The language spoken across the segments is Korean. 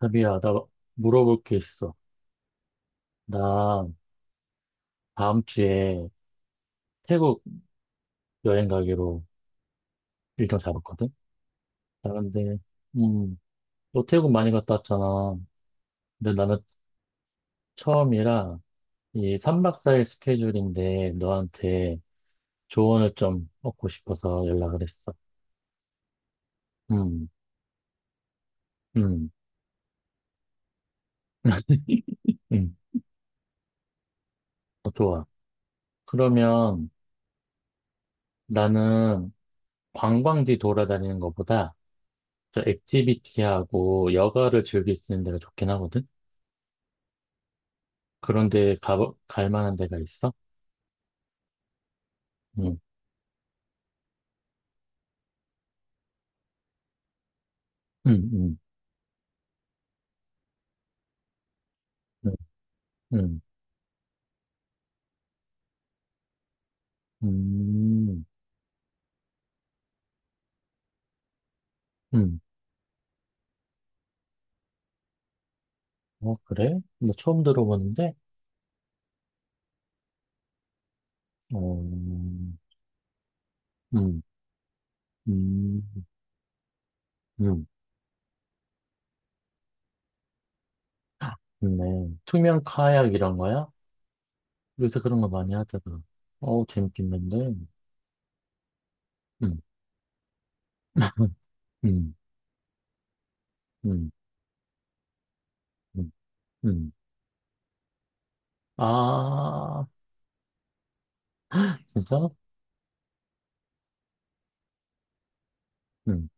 자비야, 나 물어볼 게 있어. 나 다음 주에 태국 여행 가기로 일정 잡았거든? 나 근데, 음, 너 태국 많이 갔다 왔잖아. 근데 나는 처음이라 이 3박 4일 스케줄인데 너한테 조언을 좀 얻고 싶어서 연락을 했어. 음, 음, 음, 어, 좋아. 그러면 나는 관광지 돌아다니는 것보다 저 액티비티하고 여가를 즐길 수 있는 데가 좋긴 하거든? 그런데 갈 만한 데가 있어? 응, 응, 응, 응, 응, 음, 응. 어, 그래? 나 처음 들어보는데? 어, 응 응 응. 좋네. 투명 카약 이런 거야? 요새 그런 거 많이 하잖아. 어우, 재밌겠는데? 응 응 응 응 응. 아, 진짜? 응.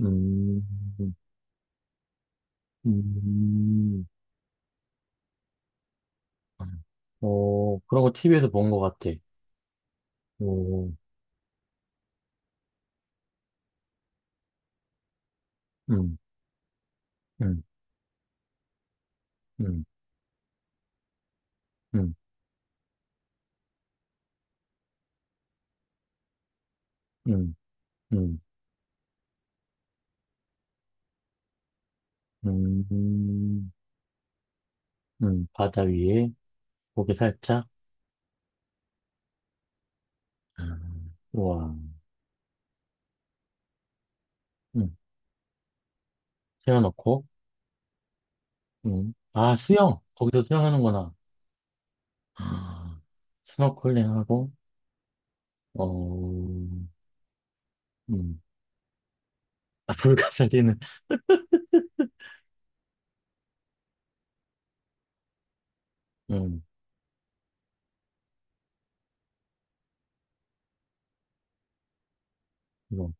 음, 음. 음. 어, 그런 거 TV에서 본 것 같아. 오, 응응. 음, 음, 음, 음, 음, 바다 위에 고개 살짝, 우와, 음, 세워놓고, 아, 수영! 거기서 수영하는구나. 아, 스노클링하고, 어, 음, 아, 불가사리는, 음, 뭐.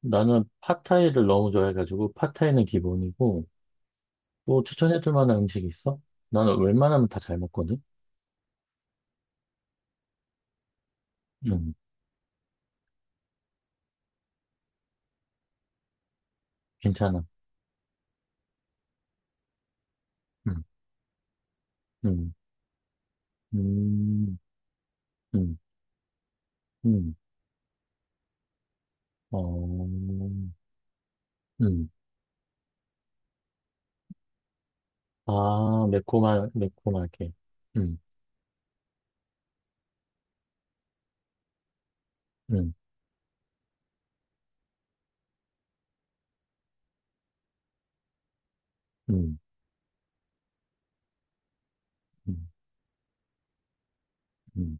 나는 팟타이를 너무 좋아해가지고, 팟타이는 기본이고, 또 추천해줄 만한 음식 있어? 나는 웬만하면 다 잘 먹거든? 음, 괜찮아. 음, 음, 음, 음. 음. 어, 음. 아, 매콤하게. 음, 음, 음, 음, 음.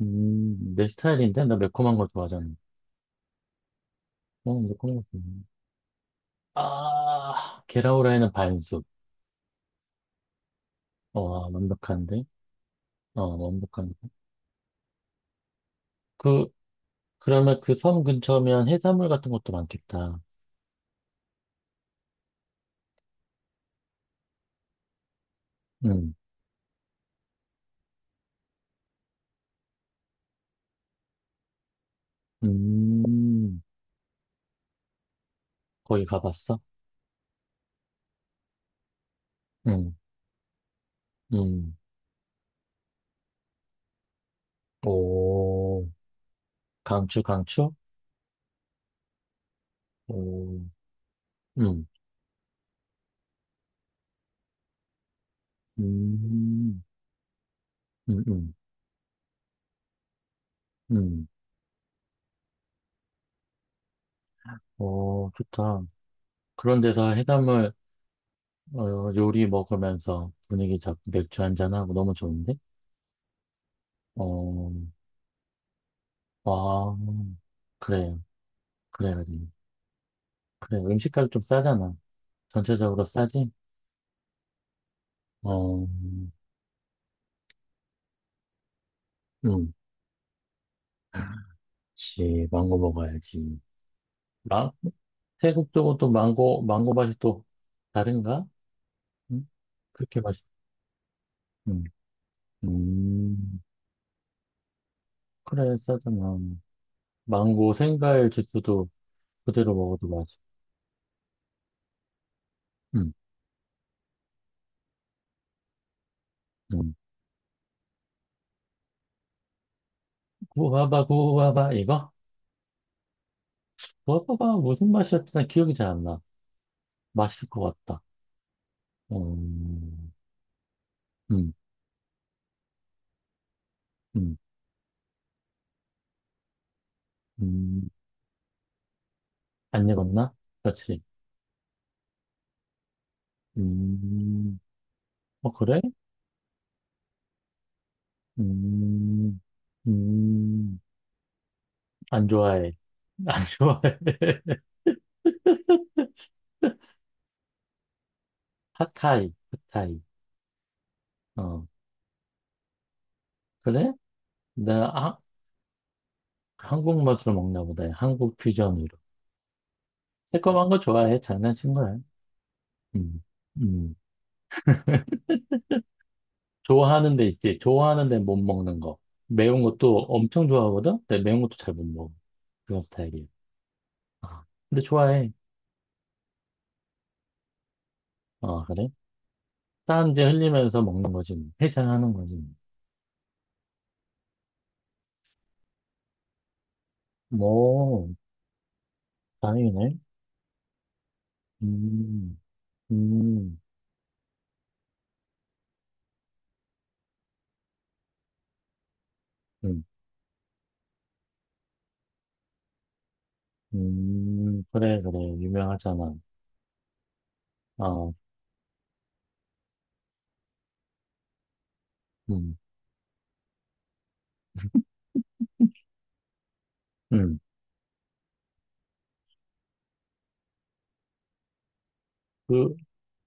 내 스타일인데? 나 매콤한 거 좋아하잖아. 어, 매콤한 거 좋아해. 아, 계라우라에는 반숙. 어, 완벽한데? 어, 완벽한데? 그, 그러면 그 섬 근처면 해산물 같은 것도 많겠다. 음, 음, 거기 가봤어? 음, 음, 오, 강추, 강추? 오, 음, 음, 음, 음. 음, 어, 좋다. 그런 데서 해산물 어, 요리 먹으면서 분위기 잡고 맥주 한 잔하고 너무 좋은데? 어, 와, 그래, 그래, 그래. 그래, 음식값 좀 싸잖아. 전체적으로 싸지? 어, 음, 그치. 망고 먹어야지. 마, 태국 쪽은 또 망고, 망고 맛이 또 다른가? 응? 그렇게 맛있, 음, 음, 그래, 싸잖아. 망고 생과일 주스도 그대로 먹어도 맛있어. 음. 구워봐, 구워봐, 이거? 구워봐봐, 무슨 맛이었지? 나 기억이 잘 안 나. 맛있을 것 같다. 음, 음, 음, 음. 안 익었나? 그렇지. 음, 어, 그래? 음, 음, 안 좋아해. 좋아해. 핫타이, 핫타이. 어, 그래? 아, 한국 맛으로 먹나 보다. 한국 퓨전으로. 새콤한 거 좋아해. 장난친 거야. 음, 음. 좋아하는 데 있지. 좋아하는 데 못 먹는 거. 매운 것도 엄청 좋아하거든? 근데 매운 것도 잘 못 먹어. 그런 스타일이야. 아, 근데 좋아해. 아, 그래? 땀 이제 흘리면서 먹는 거지. 뭐. 해장하는 거지. 뭐, 뭐, 다행이네. 음, 음, 음, 그래, 그래. 유명하잖아. 아, 음, 음, 그,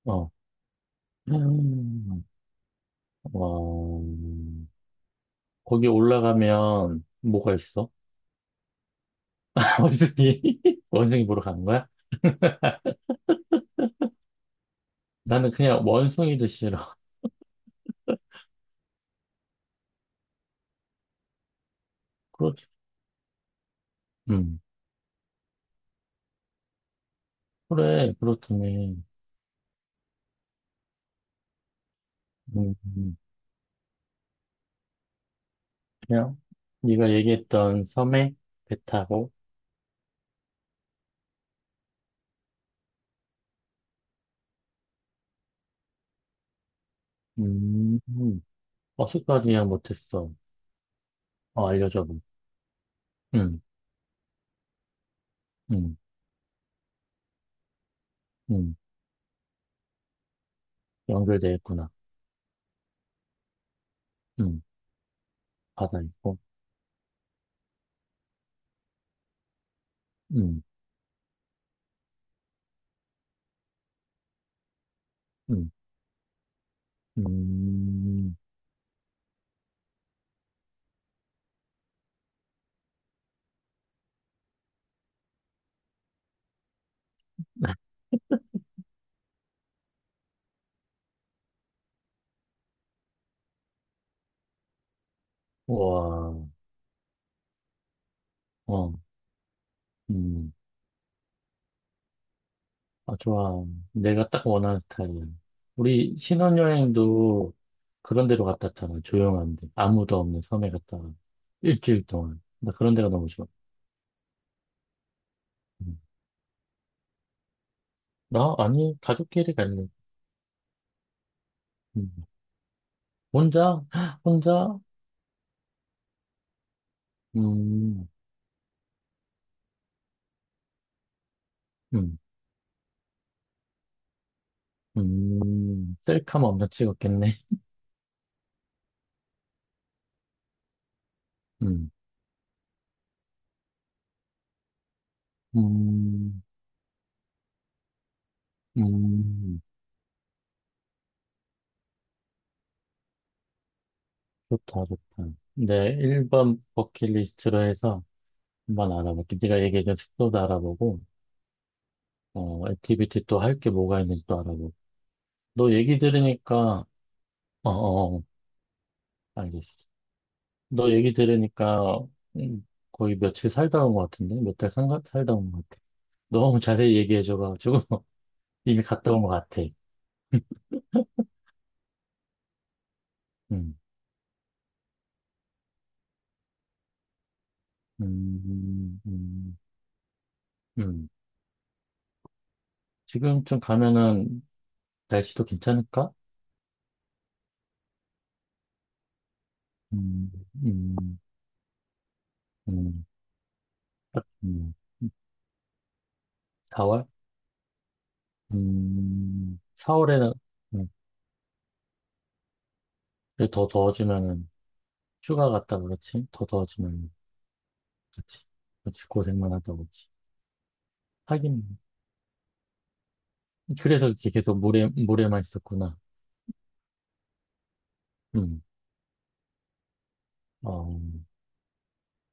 어, 음, 와, 거기 올라가면 뭐가 있어? 원숭이, 원숭이 보러 가는 거야? 나는 그냥 원숭이도 싫어. 그렇, 음. 그래, 그렇다네. 음, 음. 그냥, 네가 얘기했던 섬에 배 타고, 음, 음. 버스까지 그냥 못했어. 어, 알려줘봐. 음, 음, 음. 연결돼 있구나. 음, 바다 있고, 음, 음, 음. 와, 어, 음. 아, 좋아. 내가 딱 원하는 스타일이야. 우리 신혼여행도 그런 데로 갔다 왔잖아. 조용한데. 아무도 없는 섬에 갔다 와. 일주일 동안. 나 그런 데가 너무 좋아. 음. 나? 아니, 가족끼리 갈래. 음. 혼자? 혼자? 음, 음, 셀카만 엄청 찍었겠네. 음, 음, 음. 좋다, 좋다. 내 1번 버킷리스트로 해서 한번 알아볼게. 네가 얘기해준 숙소도 알아보고. 어, 액티비티 또 할 게 뭐가 있는지 또 알아보고. 너 얘기 들으니까, 어, 어, 어, 알겠어. 너 얘기 들으니까, 음, 거의 며칠 살다 온 것 같은데? 몇 달 살다 온 것 같아. 너무 자세히 얘기해줘가지고, 이미 갔다 온 것 같아. 음, 음, 음, 음. 지금쯤 가면은 날씨도 괜찮을까? 음, 음, 음, 음. 4월? 4월에는, 음, 근데 더 더워지면은, 휴가 갔다 그렇지? 더 더워지면. 그치. 그치. 고생만 하다 오지. 하긴, 그래서 이렇게 계속 모래만 있었구나. 음, 어,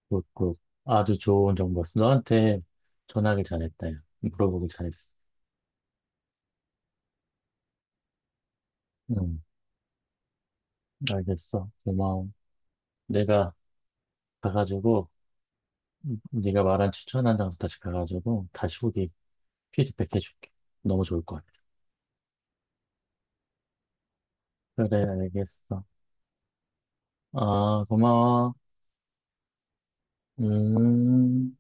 굿, 굿. 아주 좋은 정보였어. 너한테 전화하길 잘했다. 야. 물어보길 잘했어. 음, 알겠어. 고마워. 내가 가가지고, 네가 말한 추천한 장소 다시 가가지고, 다시 후기 피드백 해줄게. 너무 좋을 것 같아. 그래, 알겠어. 아, 고마워. 음.